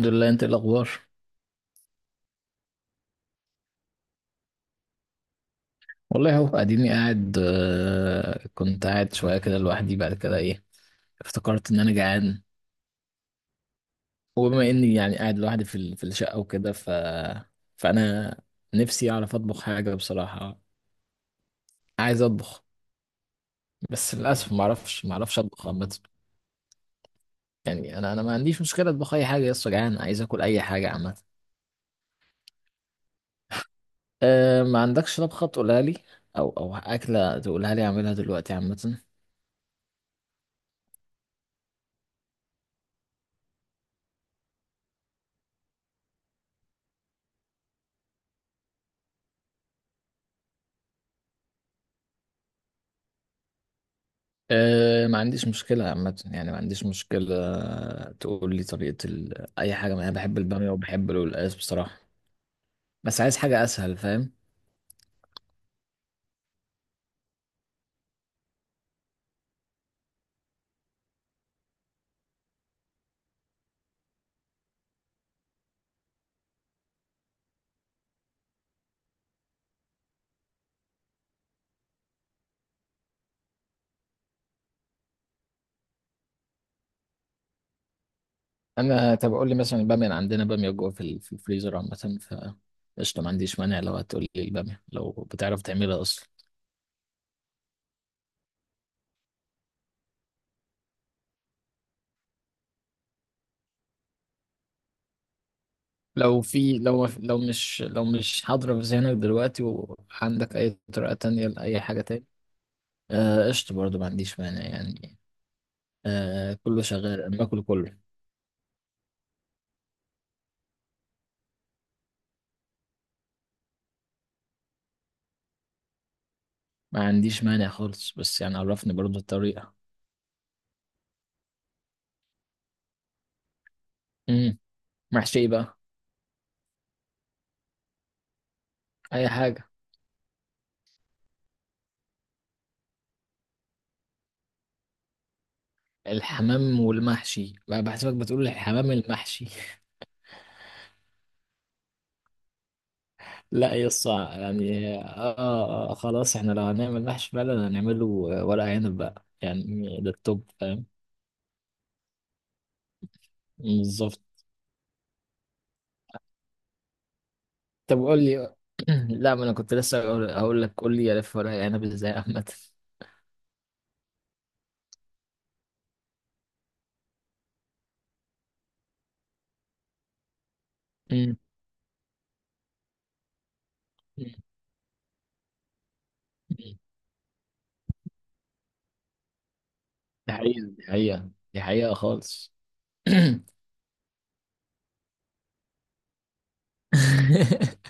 الحمد لله، انت ايه الاخبار؟ والله اهو اديني قاعد، كنت قاعد شويه كده لوحدي. بعد كده ايه، افتكرت ان انا جعان. وبما اني يعني قاعد لوحدي في الشقه وكده، فانا نفسي اعرف اطبخ حاجه بصراحه. عايز اطبخ بس للاسف ما اعرفش اطبخ عامه. يعني انا ما عنديش مشكله اطبخ اي حاجه، لسه جعان عايز اكل اي حاجه عامه. أه، ما عندكش طبخه تقولها لي؟ او اكله تقولها لي اعملها دلوقتي عامه. أه، ما عنديش مشكلة عامة، يعني ما عنديش مشكلة. تقول لي طريقة أي حاجة. أنا بحب البامية وبحب القلقاس بصراحة، بس عايز حاجة أسهل، فاهم؟ أنا طب قول لي مثلا البامية، أنا عندنا بامية جوه في الفريزر عامة. ف قشطة، ما عنديش مانع لو هتقول لي البامية، لو بتعرف تعملها أصلا. لو في لو لو مش لو مش حاضرة في ذهنك دلوقتي، وعندك أي طريقة تانية لأي حاجة تاني، قشطة. قشطة برضه، ما عنديش مانع يعني. كله شغال، أنا باكل كله. ما عنديش مانع خالص، بس يعني عرفني برضو الطريقة. امم. محشي إيه بقى؟ اي حاجة. الحمام والمحشي بقى بحسبك، بتقول الحمام المحشي. لا يصع يعني، خلاص، احنا لو هنعمل محشي فعلا هنعمله ورق عنب بقى، يعني ده التوب، فاهم؟ بالظبط. طب قول لي لا، ما انا كنت لسه هقول لك قول لي الف ورق عنب ازاي عامة. امم. دي حقيقة، دي حقيقة، دي حقيقة خالص.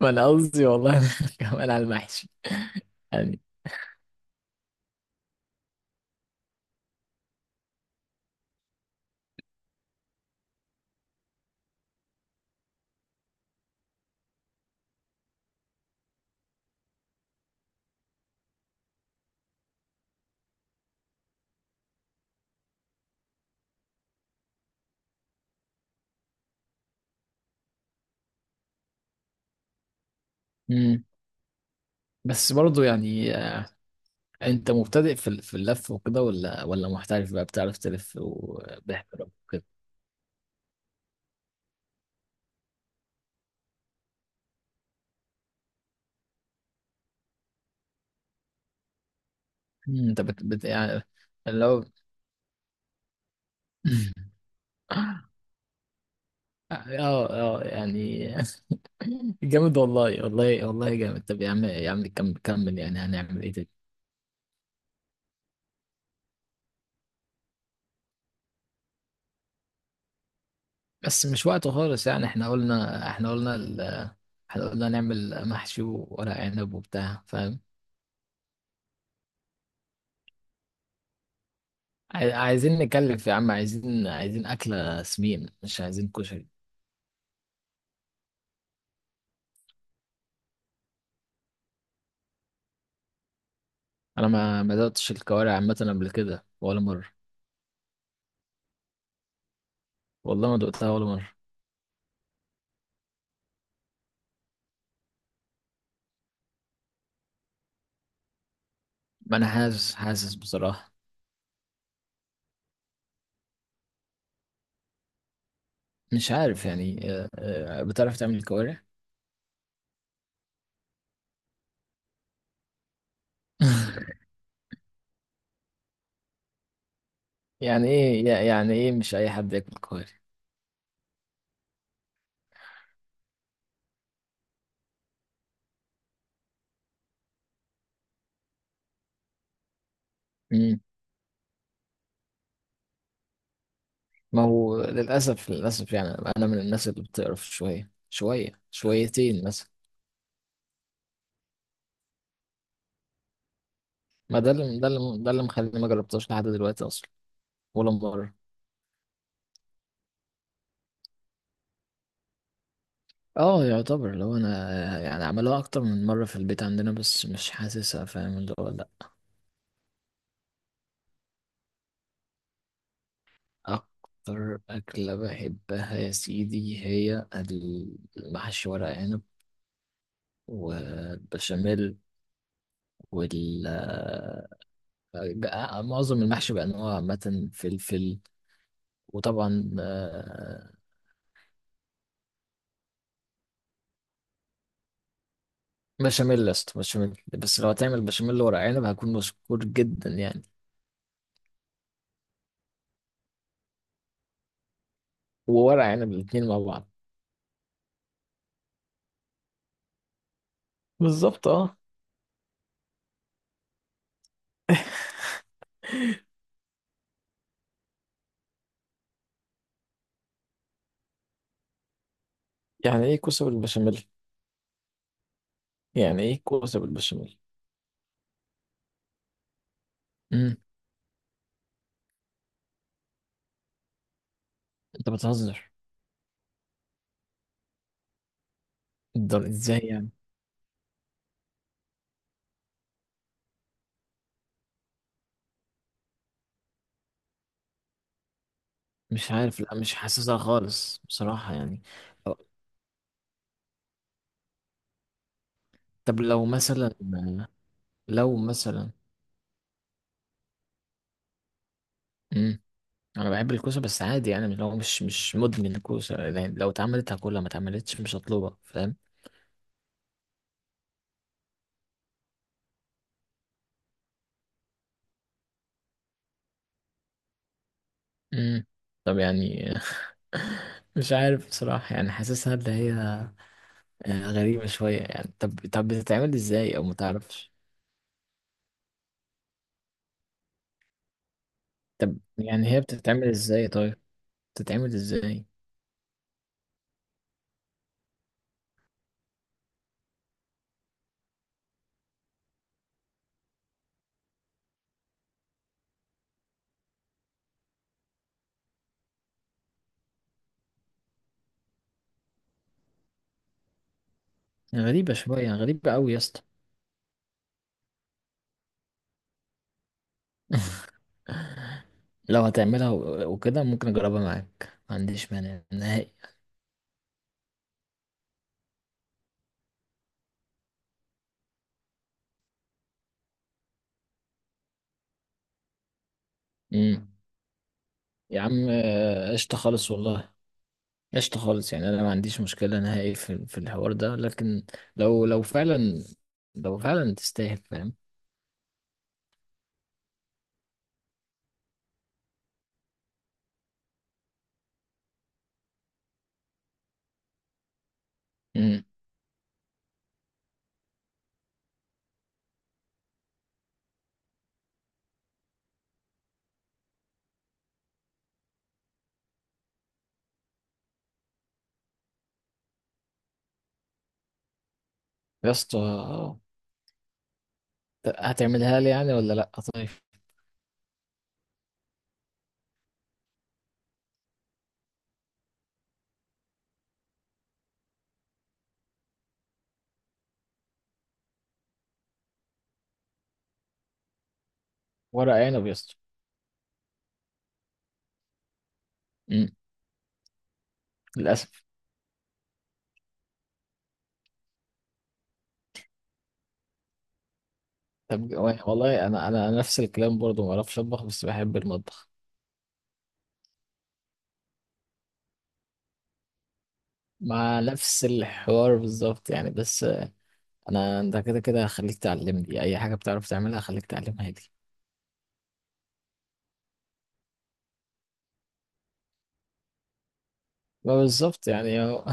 ما انا قصدي والله كمان على المحشي يعني. امم. بس برضه يعني، انت مبتدئ في اللف وكده ولا محترف بقى، بتعرف تلف وباحترام وكده؟ مم، انت بت, بت يعني، لو اه، اه يعني. جامد والله، والله والله جامد. طب يا عم، يا عم، كمل كمل، يعني هنعمل ايه تاني؟ بس مش وقته خالص يعني. احنا قلنا نعمل محشي وورق عنب وبتاع. عايزين نكلف يا عم، عايزين أكلة سمين، مش عايزين كشري. أنا ما دقتش الكوارع عامة قبل كده ولا مرة. والله ما دقتها ولا مرة. ما أنا حاسس بصراحة. مش عارف يعني، بتعرف تعمل كوارع؟ يعني إيه مش أي حد ياكل كوارع؟ مم. ما هو للأسف، للأسف يعني، أنا من الناس اللي بتقرف شوية شوية، شويتين مثلا. ما ده اللي، ده اللي مخليني ما جربتهاش لحد دلوقتي أصلا، ولا مرة. اه، يعتبر لو انا يعني عملوها اكتر من مرة في البيت عندنا، بس مش حاسسها، فاهم اللي هو؟ لا. اكتر اكلة بحبها يا سيدي هي المحشي ورق عنب والبشاميل وال معظم المحشي بانواعه عامة، فلفل، وطبعا بشاميل يا اسطى، بشاميل. بس لو هتعمل بشاميل ورق عنب، هكون مشكور جدا يعني. وورق عنب الاتنين مع بعض. بالظبط، اه. يعني ايه كوسه بالبشاميل؟ يعني ايه كوسه بالبشاميل؟ امم. انت بتهزر. الدر ازاي يعني؟ مش عارف، لا مش حاسسها خالص بصراحه يعني. طب طب، لو مثلا. امم. انا بحب الكوسه بس عادي يعني، لو مش مدمن الكوسه يعني، لو اتعملت هاكلها، ما اتعملتش مش هطلبها، فاهم؟ امم. طب يعني مش عارف بصراحه يعني، حاسسها اللي هي غريبه شويه يعني. طب طب، بتتعمل ازاي او ما تعرفش؟ طب يعني هي بتتعمل ازاي طيب؟ بتتعمل ازاي؟ غريبة شوية، غريبة أوي يا اسطى. لو هتعملها و- وكده، ممكن أجربها معاك، ما عنديش مانع نهائي. امم. يا عم، قشطة خالص والله. قشطة خالص يعني، أنا ما عنديش مشكلة نهائي في الحوار ده، لكن لو لو فعلا لو فعلا تستاهل، فاهم؟ امم. يا اسطى، هتعملها لي يعني ولا لأ طيب؟ ورق عنب يا اسطى. امم. للأسف. طب والله أنا نفس الكلام برضه، ما أعرفش أطبخ بس بحب المطبخ. مع نفس الحوار بالظبط يعني. بس انت كده كده هخليك تعلمني اي حاجه بتعرف تعملها، هخليك تعلمها لي. ما بالظبط يعني، هو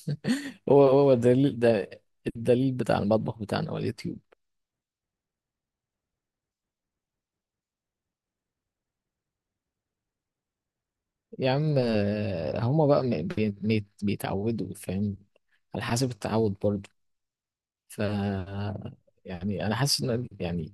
هو الدليل ده، الدليل بتاع المطبخ بتاعنا هو اليوتيوب. يا عم، هما بقى بيتعودوا، فاهم؟ على حسب التعود برضه. ف يعني انا حاسس ان يعني،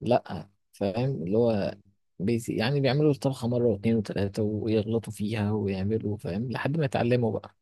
لا فاهم اللي هو يعني بيعملوا الطبخه مره واثنين وثلاثه ويغلطوا فيها ويعملوا، فاهم، لحد ما يتعلموا بقى.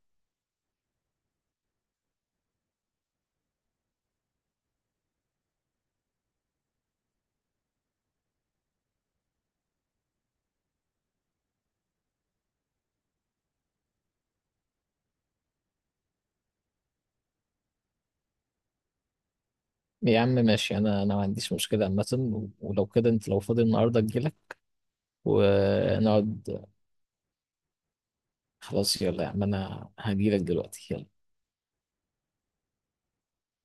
يا عم ماشي، انا ما عنديش مشكله عامه. و- ولو كده انت لو فاضي النهارده، اجيلك ونقعد. خلاص يلا يا عم، انا هجيلك دلوقتي، يلا.